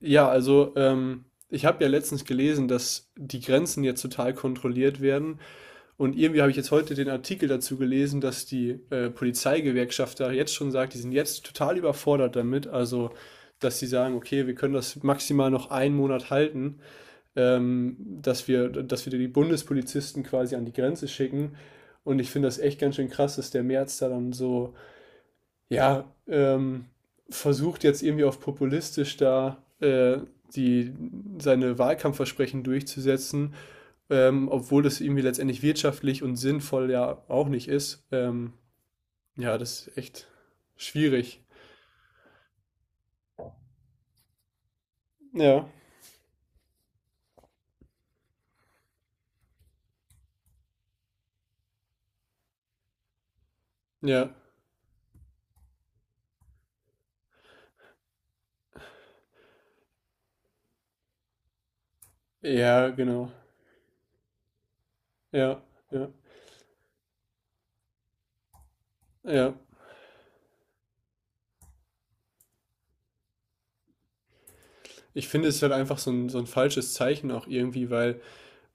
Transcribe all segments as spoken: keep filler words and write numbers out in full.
Ja, also ähm, ich habe ja letztens gelesen, dass die Grenzen jetzt total kontrolliert werden. Und irgendwie habe ich jetzt heute den Artikel dazu gelesen, dass die äh, Polizeigewerkschaft da jetzt schon sagt, die sind jetzt total überfordert damit. Also, dass sie sagen, okay, wir können das maximal noch einen Monat halten, ähm, dass wir, dass wir die Bundespolizisten quasi an die Grenze schicken. Und ich finde das echt ganz schön krass, dass der März da dann so ja, ähm, versucht jetzt irgendwie auf populistisch da äh, die, seine Wahlkampfversprechen durchzusetzen, ähm, obwohl das irgendwie letztendlich wirtschaftlich und sinnvoll ja auch nicht ist. Ähm, ja, das ist echt schwierig. Ja, ja, ja, genau. Ja, ja, ja. Ich finde, es ist halt einfach so ein, so ein falsches Zeichen auch irgendwie, weil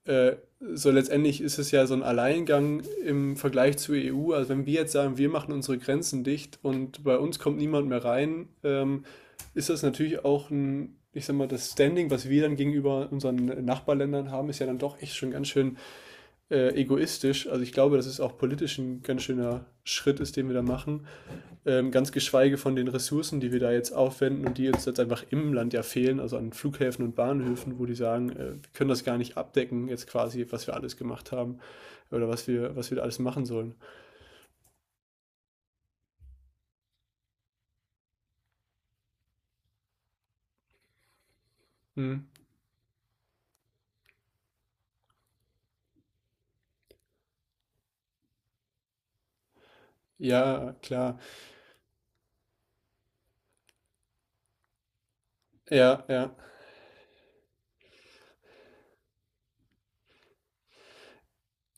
äh, so letztendlich ist es ja so ein Alleingang im Vergleich zur E U. Also wenn wir jetzt sagen, wir machen unsere Grenzen dicht und bei uns kommt niemand mehr rein, ähm, ist das natürlich auch ein, ich sag mal, das Standing, was wir dann gegenüber unseren Nachbarländern haben, ist ja dann doch echt schon ganz schön äh, egoistisch. Also ich glaube, dass es auch politisch ein ganz schöner Schritt ist, den wir da machen. Ähm, ganz geschweige von den Ressourcen, die wir da jetzt aufwenden und die uns jetzt einfach im Land ja fehlen, also an Flughäfen und Bahnhöfen, wo die sagen, äh, wir können das gar nicht abdecken, jetzt quasi, was wir alles gemacht haben oder was wir, was wir da alles machen sollen. Hm. Ja, klar. Ja, ja,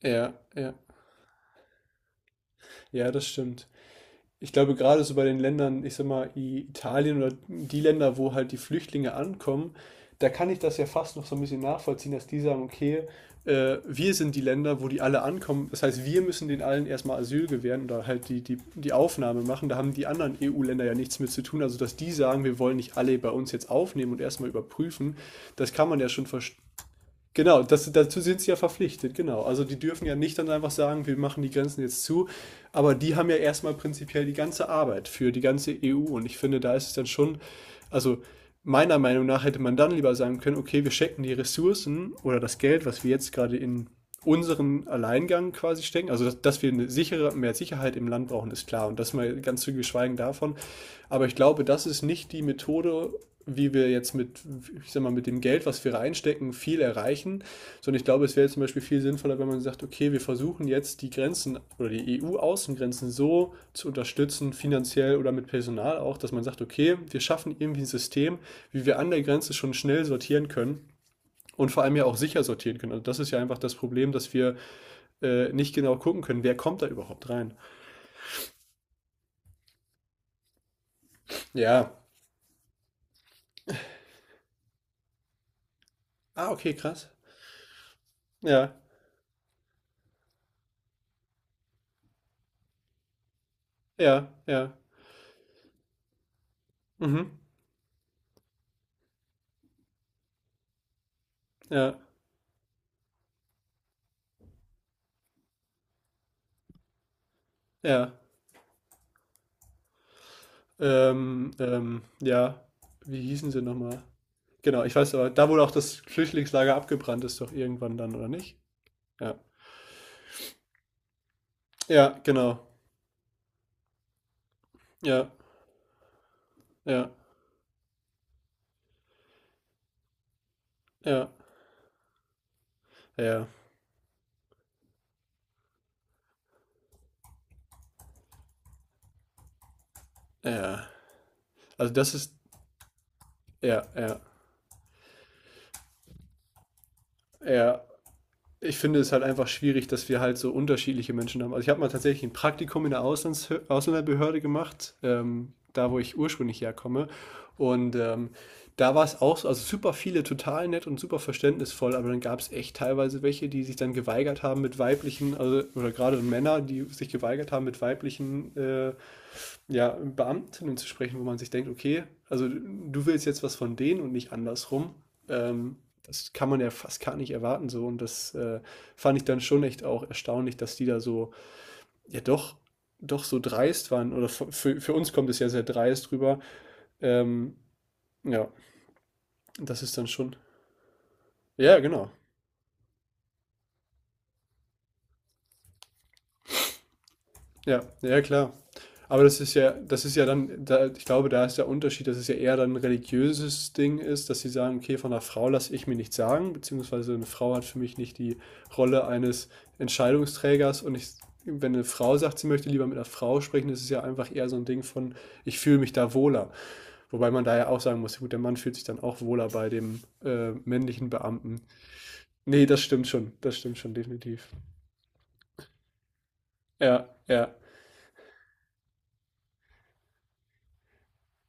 ja, ja. Ja, das stimmt. Ich glaube, gerade so bei den Ländern, ich sag mal, Italien oder die Länder, wo halt die Flüchtlinge ankommen, da kann ich das ja fast noch so ein bisschen nachvollziehen, dass die sagen, okay, äh, wir sind die Länder, wo die alle ankommen. Das heißt, wir müssen den allen erstmal Asyl gewähren oder halt die, die, die Aufnahme machen. Da haben die anderen E U-Länder ja nichts mit zu tun. Also, dass die sagen, wir wollen nicht alle bei uns jetzt aufnehmen und erstmal überprüfen, das kann man ja schon verstehen. Genau, das, dazu sind sie ja verpflichtet, genau. Also die dürfen ja nicht dann einfach sagen, wir machen die Grenzen jetzt zu, aber die haben ja erstmal prinzipiell die ganze Arbeit für die ganze E U und ich finde, da ist es dann schon, also meiner Meinung nach hätte man dann lieber sagen können, okay, wir stecken die Ressourcen oder das Geld, was wir jetzt gerade in unseren Alleingang quasi stecken, also dass, dass wir eine sichere, mehr Sicherheit im Land brauchen, ist klar und das mal ganz zu geschweigen davon, aber ich glaube, das ist nicht die Methode, wie wir jetzt mit, ich sag mal, mit dem Geld, was wir reinstecken, viel erreichen, sondern ich glaube, es wäre zum Beispiel viel sinnvoller, wenn man sagt, okay, wir versuchen jetzt die Grenzen oder die E U-Außengrenzen so zu unterstützen, finanziell oder mit Personal auch, dass man sagt, okay, wir schaffen irgendwie ein System, wie wir an der Grenze schon schnell sortieren können und vor allem ja auch sicher sortieren können. Also das ist ja einfach das Problem, dass wir äh, nicht genau gucken können, wer kommt da überhaupt rein. Ja. Ah, okay, krass. Ja, ja, ja. Mhm. Ja, ja. Ähm, ähm, ja. Wie hießen sie nochmal? Genau, ich weiß aber, da wurde auch das Flüchtlingslager abgebrannt ist doch irgendwann dann, oder nicht? Ja. Ja, genau. Ja, ja, ja, ja, ja. Also das ist, ja, ja, ja. Ich finde es halt einfach schwierig, dass wir halt so unterschiedliche Menschen haben. Also ich habe mal tatsächlich ein Praktikum in der Auslands Ausländerbehörde gemacht, ähm, da wo ich ursprünglich herkomme. Und ähm, da war es auch so, also super viele total nett und super verständnisvoll, aber dann gab es echt teilweise welche, die sich dann geweigert haben mit weiblichen, also oder gerade Männer, die sich geweigert haben mit weiblichen äh, ja, Beamtinnen zu sprechen, wo man sich denkt, okay, also du willst jetzt was von denen und nicht andersrum. Ähm, Das kann man ja fast gar nicht erwarten so und das äh, fand ich dann schon echt auch erstaunlich, dass die da so, ja doch, doch so dreist waren oder f- für, für uns kommt es ja sehr dreist rüber. Ähm, ja, das ist dann schon, ja genau, ja, ja klar. Aber das ist ja, das ist ja dann, da, ich glaube, da ist der Unterschied, dass es ja eher dann ein religiöses Ding ist, dass sie sagen, okay, von einer Frau lasse ich mir nichts sagen, beziehungsweise eine Frau hat für mich nicht die Rolle eines Entscheidungsträgers und ich, wenn eine Frau sagt, sie möchte lieber mit einer Frau sprechen, ist es ja einfach eher so ein Ding von, ich fühle mich da wohler. Wobei man da ja auch sagen muss, ja gut, der Mann fühlt sich dann auch wohler bei dem äh, männlichen Beamten. Nee, das stimmt schon, das stimmt schon, definitiv. Ja, ja,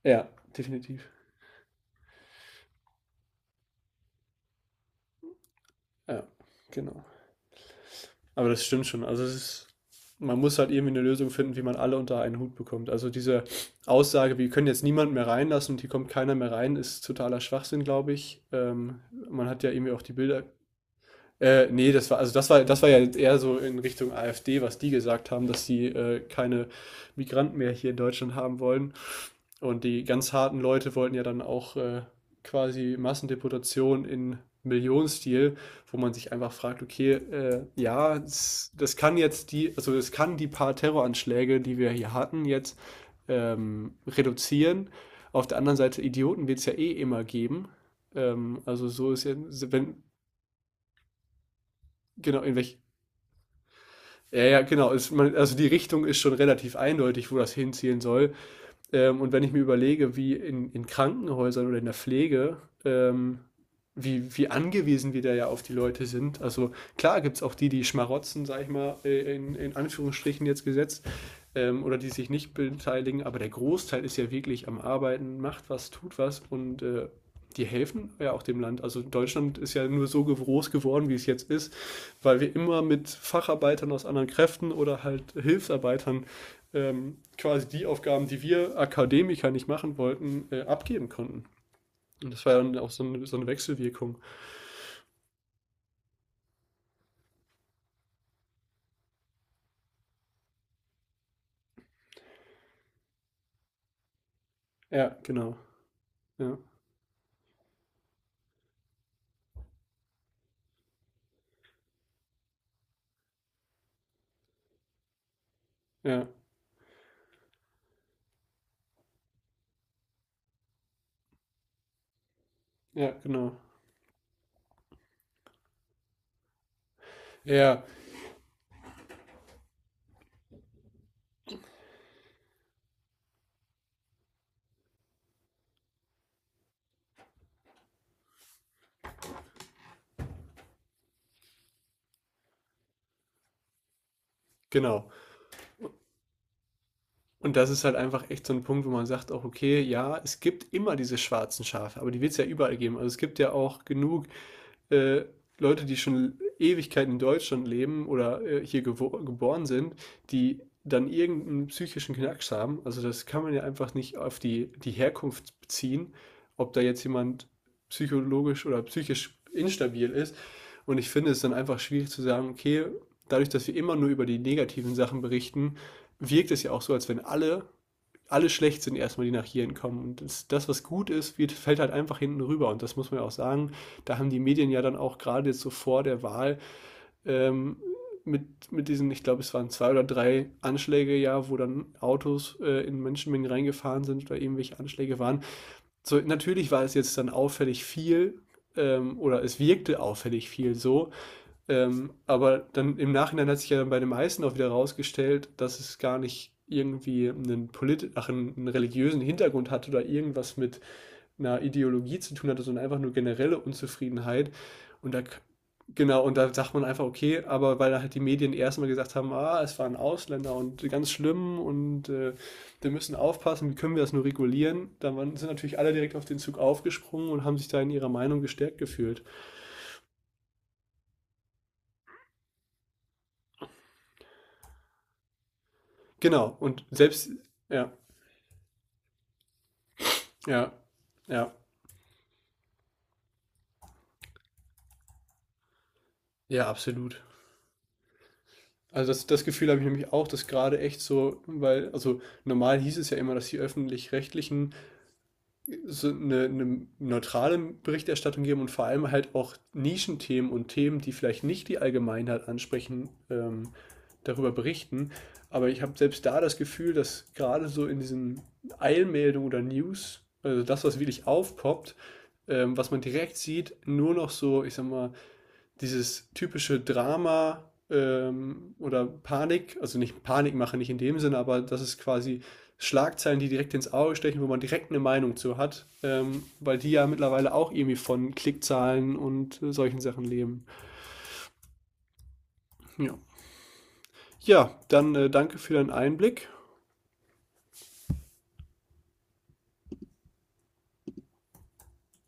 ja, definitiv. Ja, genau. Aber das stimmt schon. Also es ist, man muss halt irgendwie eine Lösung finden, wie man alle unter einen Hut bekommt. Also diese Aussage, wir können jetzt niemanden mehr reinlassen und hier kommt keiner mehr rein, ist totaler Schwachsinn, glaube ich. Ähm, man hat ja irgendwie auch die Bilder äh, nee, das war, also das war, das war ja jetzt eher so in Richtung AfD, was die gesagt haben, dass sie äh, keine Migranten mehr hier in Deutschland haben wollen. Und die ganz harten Leute wollten ja dann auch äh, quasi Massendeportation in Millionenstil, wo man sich einfach fragt, okay, äh, ja, das, das kann jetzt die, also das kann die paar Terroranschläge, die wir hier hatten, jetzt ähm, reduzieren. Auf der anderen Seite, Idioten wird es ja eh immer geben. Ähm, also so ist ja, wenn, genau, in welch, Ja, ja, genau. Es, man, also die Richtung ist schon relativ eindeutig, wo das hinziehen soll. Ähm, und wenn ich mir überlege, wie in, in Krankenhäusern oder in der Pflege, ähm, wie, wie angewiesen wir da ja auf die Leute sind. Also klar gibt es auch die, die schmarotzen, sag ich mal, äh, in, in Anführungsstrichen jetzt gesetzt, ähm, oder die sich nicht beteiligen, aber der Großteil ist ja wirklich am Arbeiten, macht was, tut was und äh, die helfen ja auch dem Land. Also Deutschland ist ja nur so groß geworden, wie es jetzt ist, weil wir immer mit Facharbeitern aus anderen Kräften oder halt Hilfsarbeitern ähm, quasi die Aufgaben, die wir Akademiker nicht machen wollten, äh, abgeben konnten. Und das war ja dann auch so eine, so eine Wechselwirkung. Ja, genau. Ja, ja, ja, genau. Ja, genau. Und das ist halt einfach echt so ein Punkt, wo man sagt auch, okay, ja, es gibt immer diese schwarzen Schafe, aber die wird es ja überall geben. Also es gibt ja auch genug äh, Leute, die schon Ewigkeiten in Deutschland leben oder äh, hier gewo geboren sind, die dann irgendeinen psychischen Knacks haben. Also das kann man ja einfach nicht auf die, die Herkunft beziehen, ob da jetzt jemand psychologisch oder psychisch instabil ist. Und ich finde es dann einfach schwierig zu sagen, okay, dadurch, dass wir immer nur über die negativen Sachen berichten, wirkt es ja auch so, als wenn alle alle schlecht sind erstmal, die nach Jiren kommen. Und das, das, was gut ist, wird, fällt halt einfach hinten rüber. Und das muss man ja auch sagen. Da haben die Medien ja dann auch gerade jetzt so vor der Wahl ähm, mit, mit diesen, ich glaube, es waren zwei oder drei Anschläge ja, wo dann Autos äh, in Menschenmengen reingefahren sind oder irgendwelche Anschläge waren. So, natürlich war es jetzt dann auffällig viel ähm, oder es wirkte auffällig viel so, ähm, aber dann im Nachhinein hat sich ja dann bei dem Heißen auch wieder rausgestellt, dass es gar nicht irgendwie einen, polit ach, einen, einen religiösen Hintergrund hat oder irgendwas mit einer Ideologie zu tun hatte, sondern einfach nur generelle Unzufriedenheit. Und da, genau, und da sagt man einfach, okay, aber weil halt die Medien erstmal gesagt haben, ah, es waren Ausländer und ganz schlimm und äh, wir müssen aufpassen, wie können wir das nur regulieren, dann waren, sind natürlich alle direkt auf den Zug aufgesprungen und haben sich da in ihrer Meinung gestärkt gefühlt. Genau, und selbst, ja. Ja, ja, ja, absolut. Also das, das Gefühl habe ich nämlich auch, dass gerade echt so, weil, also normal hieß es ja immer, dass die öffentlich-rechtlichen so eine, eine neutrale Berichterstattung geben und vor allem halt auch Nischenthemen und Themen, die vielleicht nicht die Allgemeinheit ansprechen, ähm, darüber berichten. Aber ich habe selbst da das Gefühl, dass gerade so in diesen Eilmeldungen oder News, also das, was wirklich aufpoppt, ähm, was man direkt sieht, nur noch so, ich sag mal, dieses typische Drama ähm, oder Panik, also nicht Panik machen, nicht in dem Sinne, aber das ist quasi Schlagzeilen, die direkt ins Auge stechen, wo man direkt eine Meinung zu hat, ähm, weil die ja mittlerweile auch irgendwie von Klickzahlen und äh, solchen Sachen leben. Ja, ja dann äh, danke für deinen Einblick.